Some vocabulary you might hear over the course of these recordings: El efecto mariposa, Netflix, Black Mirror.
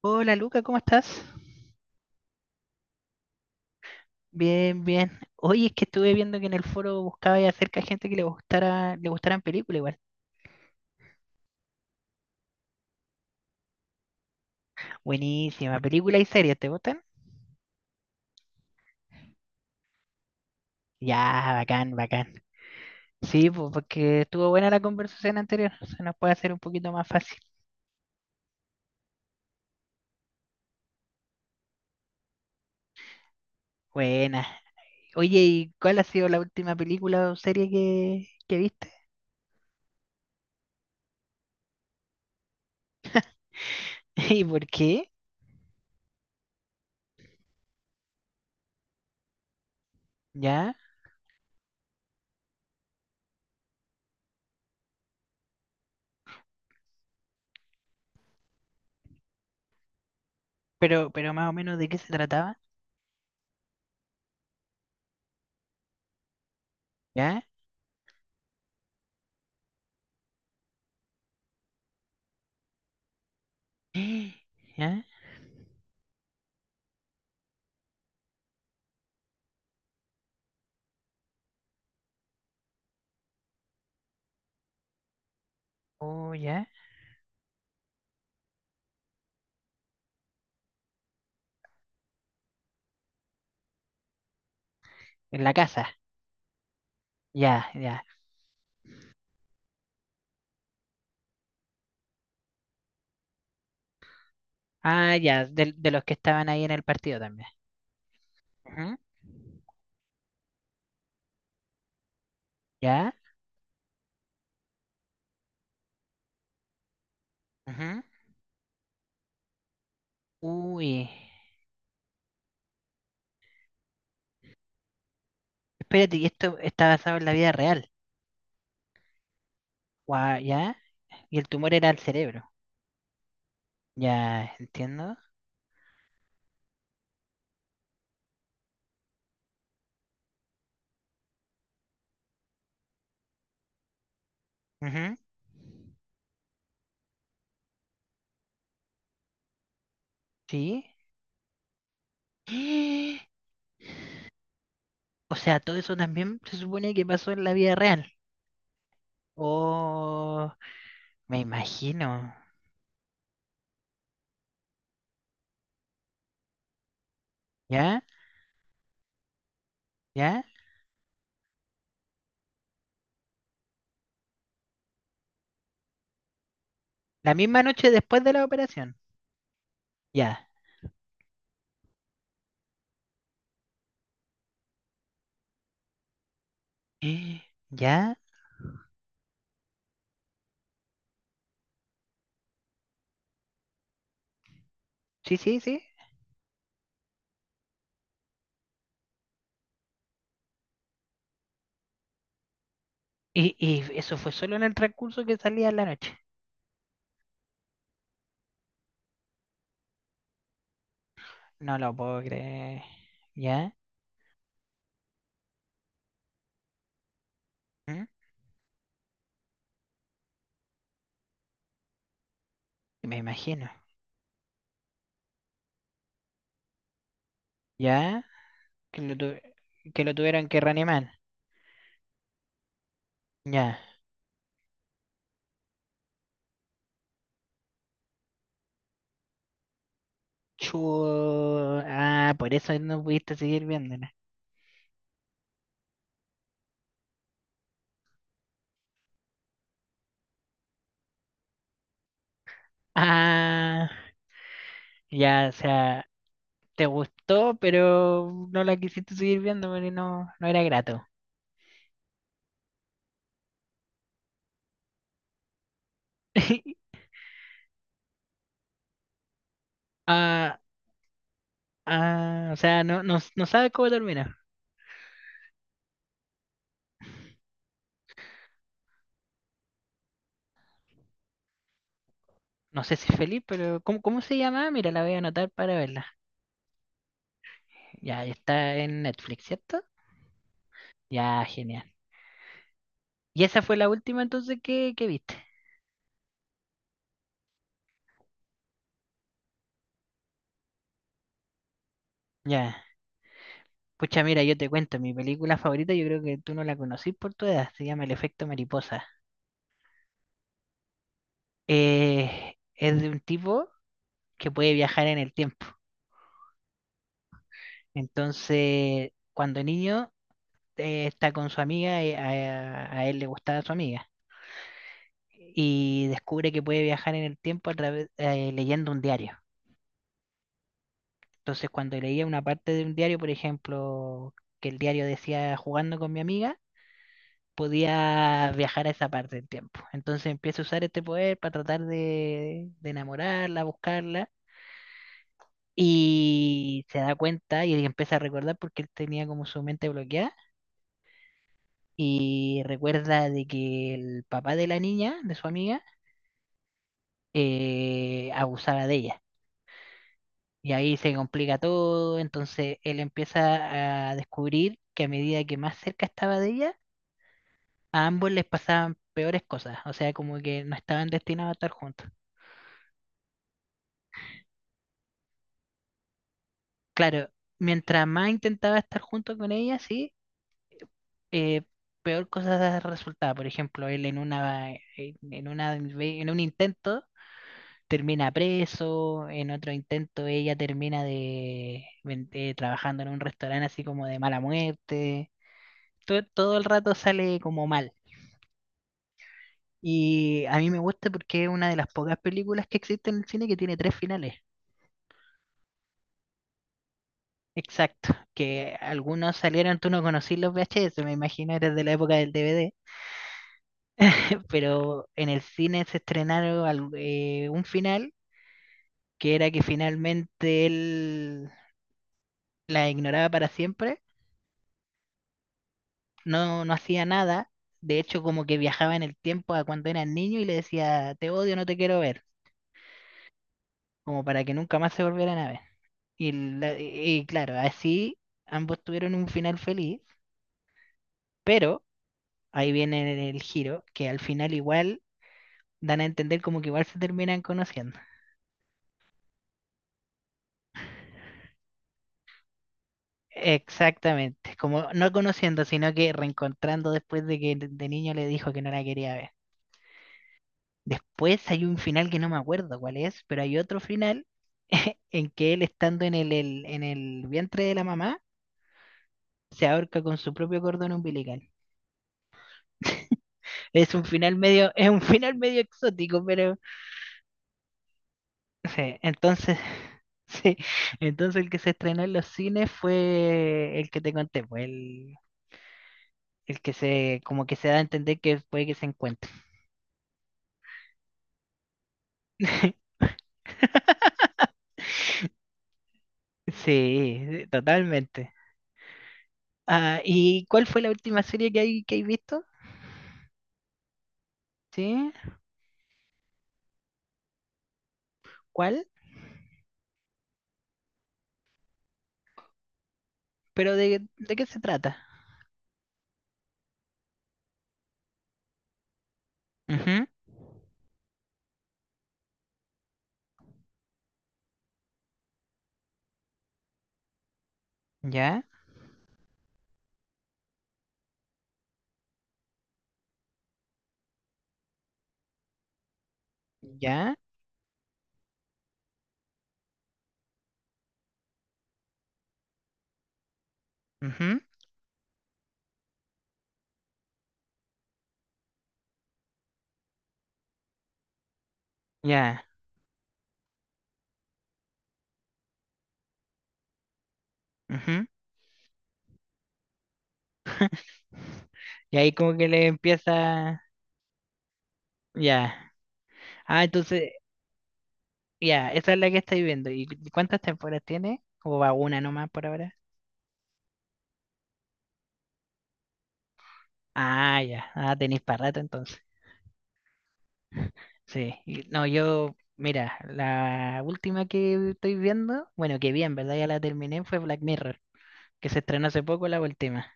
Hola Luca, ¿cómo estás? Bien, bien. Oye, es que estuve viendo que en el foro buscaba y acerca de gente que le gustara, le gustaran películas igual. Buenísima, película y series, ¿te gustan? Ya, bacán, bacán. Sí, pues porque estuvo buena la conversación anterior, se nos puede hacer un poquito más fácil. Buena. Oye, ¿y cuál ha sido la última película o serie que viste? ¿Y por qué? ¿Ya? Pero más o menos de qué se trataba. ¿Ya? ¿Ya? Oh, ya. En la casa. Ya, ya. Ah, ya, de los que estaban ahí en el partido también. Ujú. ¿Ya? Ujú. Uy. Espérate, y esto está basado en la vida real. Guau, ¿ya? Y el tumor era el cerebro. Ya, entiendo. Ujú. Sí. O sea, todo eso también se supone que pasó en la vida real. Oh, me imagino. ¿Ya? ¿Ya? La misma noche después de la operación. Ya. ¿Ya? Sí, sí, sí. Y eso fue solo en el transcurso que salía en la noche. No lo puedo creer. ¿Ya? ¿Mm? Me imagino. ¿Ya? Que lo, tu- que lo tuvieran que reanimar. Ya. Chu. Ah, por eso no pudiste seguir viéndola. Ah, ya, o sea, te gustó, pero no la quisiste seguir viendo porque no, no era grato. Ah, ah, o sea, no, no, no sabes cómo termina. No sé si es feliz, pero ¿cómo, cómo se llama? Mira, la voy a anotar para verla. Ya, está en Netflix, ¿cierto? Ya, genial. ¿Y esa fue la última entonces que viste? Ya. Pucha, mira, yo te cuento, mi película favorita, yo creo que tú no la conocís por tu edad, se llama El efecto mariposa. Es de un tipo que puede viajar en el tiempo. Entonces, cuando niño, está con su amiga, a él le gustaba su amiga, y descubre que puede viajar en el tiempo a través, leyendo un diario. Entonces, cuando leía una parte de un diario, por ejemplo, que el diario decía jugando con mi amiga, podía viajar a esa parte del tiempo. Entonces empiezo a usar este poder para tratar de enamorarla, buscarla, y se da cuenta y él empieza a recordar porque él tenía como su mente bloqueada, y recuerda de que el papá de la niña, de su amiga, abusaba de ella. Y ahí se complica todo, entonces él empieza a descubrir que a medida que más cerca estaba de ella, a ambos les pasaban peores cosas, o sea, como que no estaban destinados a estar juntos. Claro, mientras más intentaba estar junto con ella, sí, eh, peor cosas resultaba. Por ejemplo, él en una, ve- en un intento termina preso, en otro intento ella termina de, ven- trabajando en un restaurante así como de mala muerte. To- todo el rato sale como mal. Y a mí me gusta porque es una de las pocas películas que existen en el cine que tiene tres finales. Exacto, que algunos salieron, tú no conocí los VHS, me imagino, eres de la época del DVD. Pero en el cine se estrenaron al- un final que era que finalmente él la ignoraba para siempre, no, no hacía nada, de hecho como que viajaba en el tiempo a cuando era niño y le decía, te odio, no te quiero ver, como para que nunca más se volvieran a ver. Y, la- y claro, así ambos tuvieron un final feliz, pero ahí viene el giro, que al final igual dan a entender como que igual se terminan conociendo. Exactamente, como no conociendo, sino que reencontrando después de que de niño le dijo que no la quería ver. Después hay un final que no me acuerdo cuál es, pero hay otro final en que él estando en en el vientre de la mamá se ahorca con su propio cordón umbilical. Es un final medio, es un final medio exótico, pero sí, entonces, sí, entonces el que se estrenó en los cines fue el que te conté, pues el que se, como que se da a entender que puede que se encuentre. Sí, totalmente. Ah, ¿y cuál fue la última serie que hay visto? ¿Sí? ¿Cuál? ¿Pero de qué se trata? Ujú. Ya, ya, ujú, ya, ujú. Y ahí como que le empieza, ya. Ah, entonces, ya, esa es la que estáis viendo. ¿Y cu- cuántas temporadas tiene? ¿O va una nomás por ahora? Ah, ya. Ah, tenéis para rato entonces. Sí, y- no, yo, mira, la última que estoy viendo, bueno, que bien, ¿verdad? Ya la terminé, fue Black Mirror, que se estrenó hace poco la última.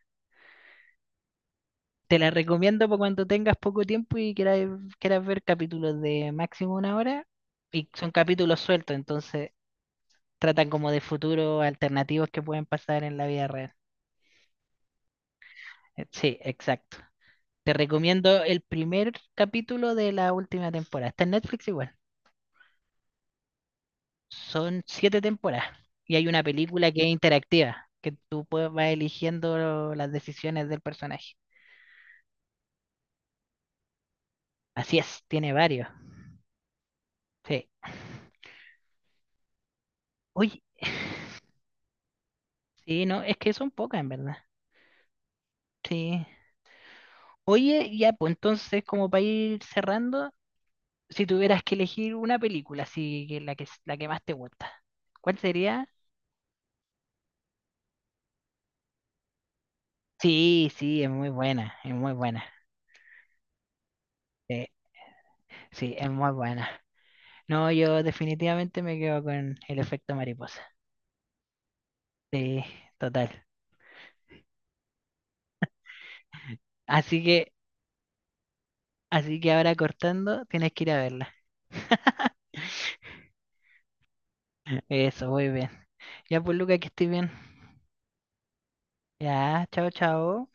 Te la recomiendo para cuando tengas poco tiempo y quieras ver capítulos de máximo una hora, y son capítulos sueltos, entonces tratan como de futuros alternativos que pueden pasar en la vida real. Sí, exacto. Te recomiendo el primer capítulo de la última temporada. Está en Netflix igual. Son siete temporadas y hay una película que es interactiva, que tú puedes, vas eligiendo las decisiones del personaje. Así es, tiene varios. Sí. Oye, sí, no, es que son pocas en verdad. Sí. Oye, ya, pues entonces, como para ir cerrando, si tuvieras que elegir una película, así que la que más te gusta, ¿cuál sería? Sí, sí, es muy buena, es muy buena. Sí, sí, es muy buena. No, yo definitivamente me quedo con El efecto mariposa. Sí, total. Así que, así que ahora cortando, tienes que ir a verla. Eso, muy bien. Ya pues, Luca, que estés bien. Ya, chao, chao.